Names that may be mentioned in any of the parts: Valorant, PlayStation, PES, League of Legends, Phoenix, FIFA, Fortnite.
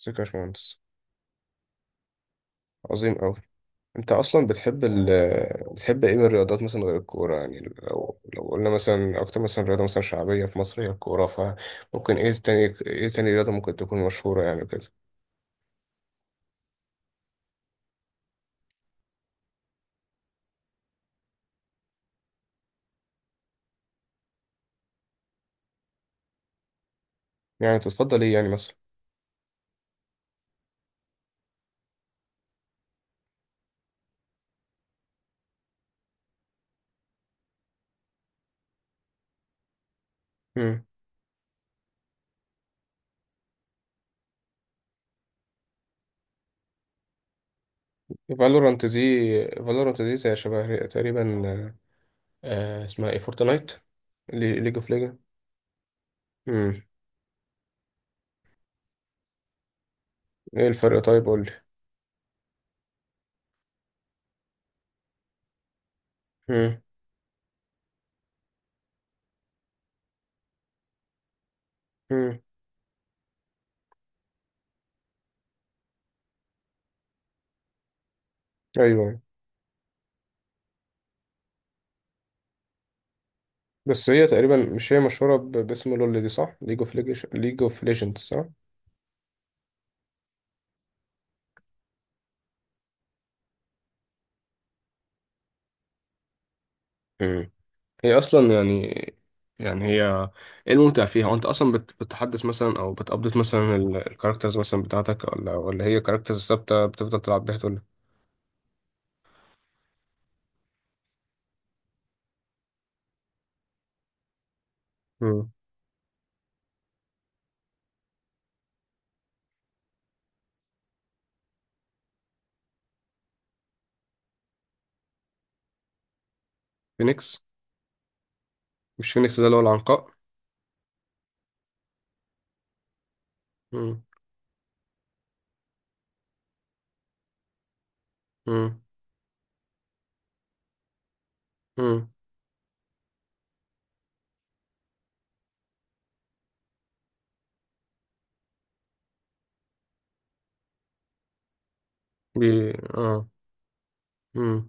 ازيك يا باشمهندس؟ عظيم أوي. أنت أصلا بتحب إيه من الرياضات مثلا غير الكورة؟ يعني لو قلنا مثلا أكتر مثلا رياضة مثلا شعبية في مصر هي الكورة، فممكن إيه تاني؟ إيه تاني رياضة ممكن تكون مشهورة يعني كده؟ يعني تفضل إيه يعني مثلا؟ مم. فالورانت دي فالورانت دي زي شبه تقريبا. اسمها إيه؟ فورتنايت؟ ليج اوف ليجا. مم. إيه الفرق؟ طيب قول لي. مم. مم. أيوه. بس هي تقريبا، مش هي مشهورة باسم لول دي، صح؟ ليج اوف ليجندز، صح؟ مم. هي اصلا يعني هي، ايه الممتع فيها؟ وانت اصلا بتحدث مثلا او بتابديت مثلا الكاركترز مثلا بتاعتك، ولا هي كاركترز ثابته بتفضل تلعب بيها؟ تقول لك. مم. فينيكس. مش فينيكس ده اللي هو العنقاء؟ مم. مم. مم. بي اه. مم.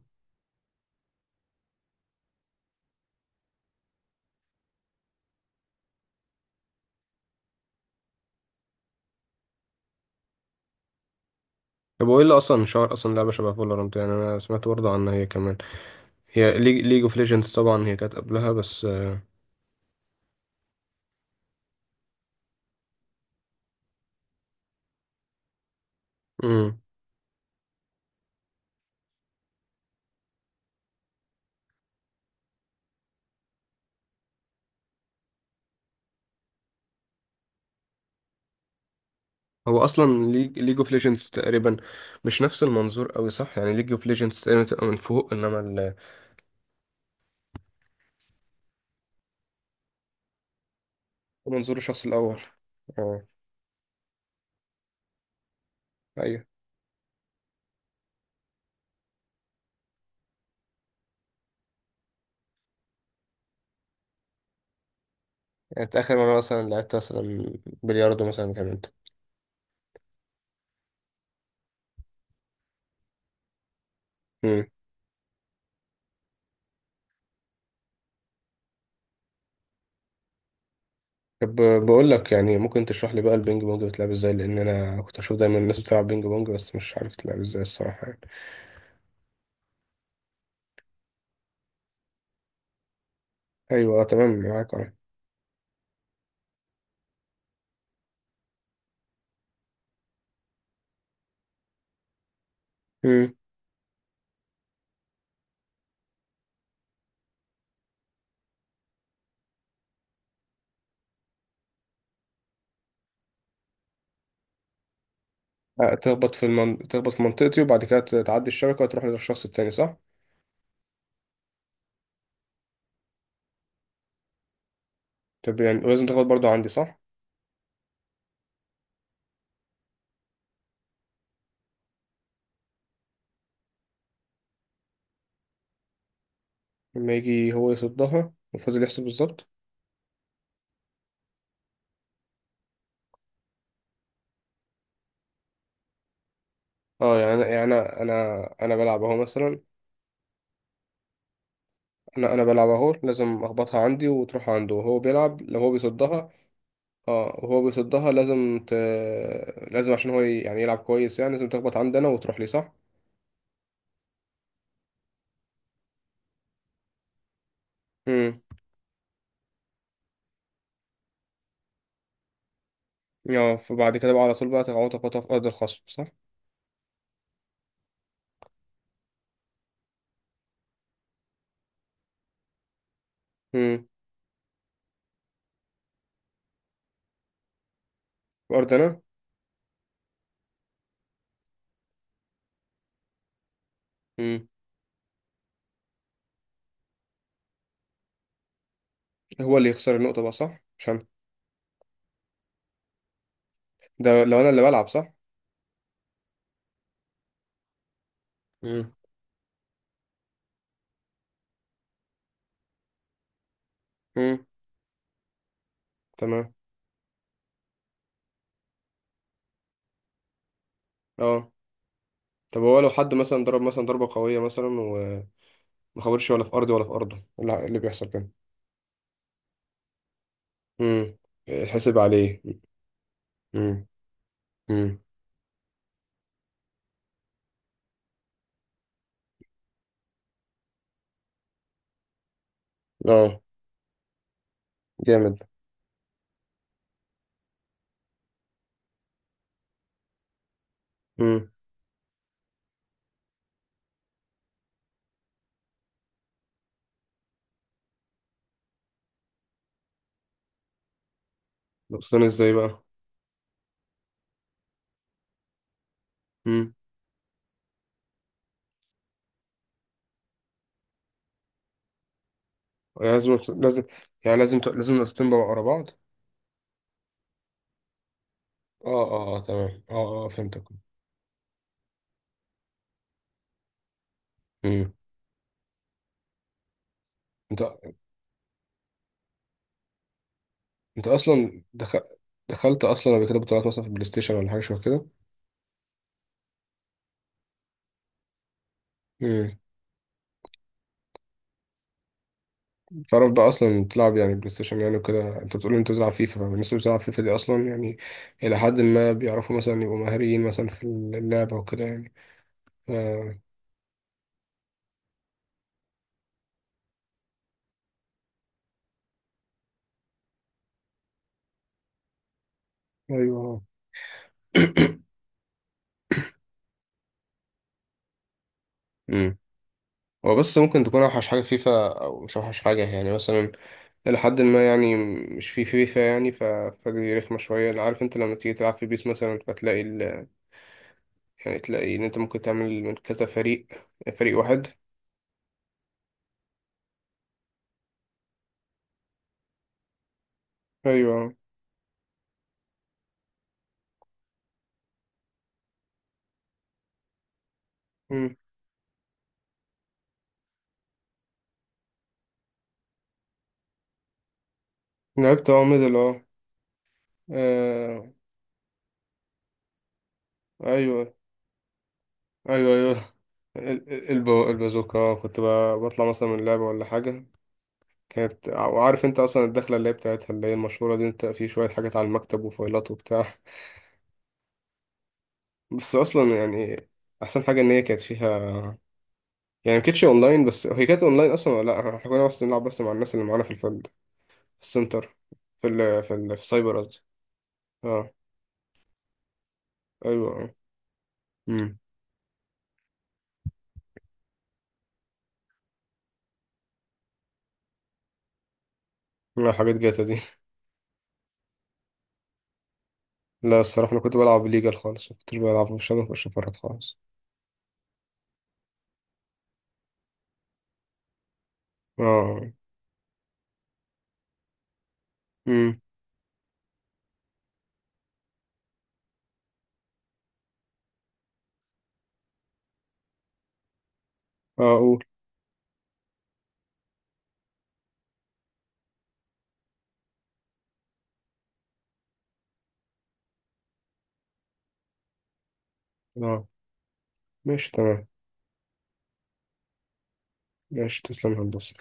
طب وايه اللي اصلا شهر اصلا لعبه شبه فالورانت؟ يعني انا سمعت برضه عنها هي كمان. هي ليج اوف ليجندز طبعا هي كانت قبلها، بس. مم. هو اصلا ليج اوف ليجندز تقريبا مش نفس المنظور قوي، صح؟ يعني ليج اوف ليجندز تقريبا تبقى من فوق انما المنظور الشخص الاول. اه. ايوه، يعني أنت اخر مره مثلا لعبت مثلا بلياردو مثلا كان انت؟ امم. طب بقول لك، يعني ممكن تشرح لي بقى البينج بونج بتلعب ازاي؟ لان انا كنت اشوف دايما الناس بتلعب بينج بونج بس مش عارف تلعب ازاي الصراحه يعني. ايوه، تمام معاك اه امم. تخبط في منطقتي وبعد كده تعدي الشبكه وتروح للشخص التاني، صح؟ طب يعني، ولازم تخبط برضو عندي، صح؟ لما يجي هو يصدها وفضل يحسب بالظبط. اه، يعني انا بلعب اهو مثلا. انا بلعب اهو، لازم اخبطها عندي وتروح عنده، وهو بيلعب لو هو بيصدها. اه، وهو بيصدها لازم لازم، عشان هو يعني يلعب كويس، يعني لازم تخبط عندي انا وتروح لي، صح؟ امم. اه، فبعد كده بقى على طول بقى تقعد تخبطها في ارض الخصم، صح؟ امم. في ارض انا. امم. هو اللي يخسر النقطة بقى صح، عشان ده لو انا اللي بلعب، صح؟ امم. امم. تمام اه. طب هو لو حد مثلا ضرب مثلا ضربة قوية مثلا ما خبرش، ولا في ارضي ولا في ارضه، اللي بيحصل كده؟ امم. حسب عليه. امم. امم. اه. جامد. امم. نقطتين ازاي بقى؟ امم. لازم لازم، يعني لازم لازم نقطتين بقى ورا بعض. اه اه اه، تمام اه اه، فهمتك. امم. انت انت اصلا دخلت اصلا قبل كده بطولات مثلا في البلاي ستيشن ولا حاجه شبه كده؟ امم. تعرف بقى اصلا تلعب يعني بلاي ستيشن يعني وكده، انت بتقول انت بتلعب فيفا، فالناس اللي بتلعب فيفا دي اصلا يعني الى حد ما بيعرفوا مثلا يبقوا مهاريين مثلا في اللعبه وكده يعني؟ آه. ايوه. امم. هو بس ممكن تكون اوحش حاجه فيفا او مش اوحش حاجه يعني مثلا، الى حد ما يعني، مش في فيفا يعني فدي رخمه شويه. عارف انت لما تيجي تلعب في بيس مثلا فتلاقي يعني تلاقي ان انت ممكن تعمل من كذا فريق، فريق واحد. ايوه. امم. لعبت ميدل اه آه. ايوه ايوه ايوه. البازوكا، كنت بطلع مثلا من اللعبه ولا حاجه. كانت، وعارف انت اصلا الدخله اللي هي بتاعتها اللي هي المشهوره دي، انت في شويه حاجات على المكتب وفايلات وبتاع. بس اصلا يعني، احسن حاجه ان هي كانت فيها، يعني ما كانتش اونلاين بس، هي كانت اونلاين اصلا ولا لا؟ احنا كنا بس بنلعب بس مع الناس اللي معانا في الفيلد، في السنتر، في السايبر قصدي. اه. ايوه. امم. لا حاجات جاتا دي. لا الصراحه، انا كنت بلعب ليجل خالص ما كنتش بلعب، مش انا مش فرات خالص. اه. امم. اه قول. اه ماشي تمام. ماشي تسلم يا هندسه.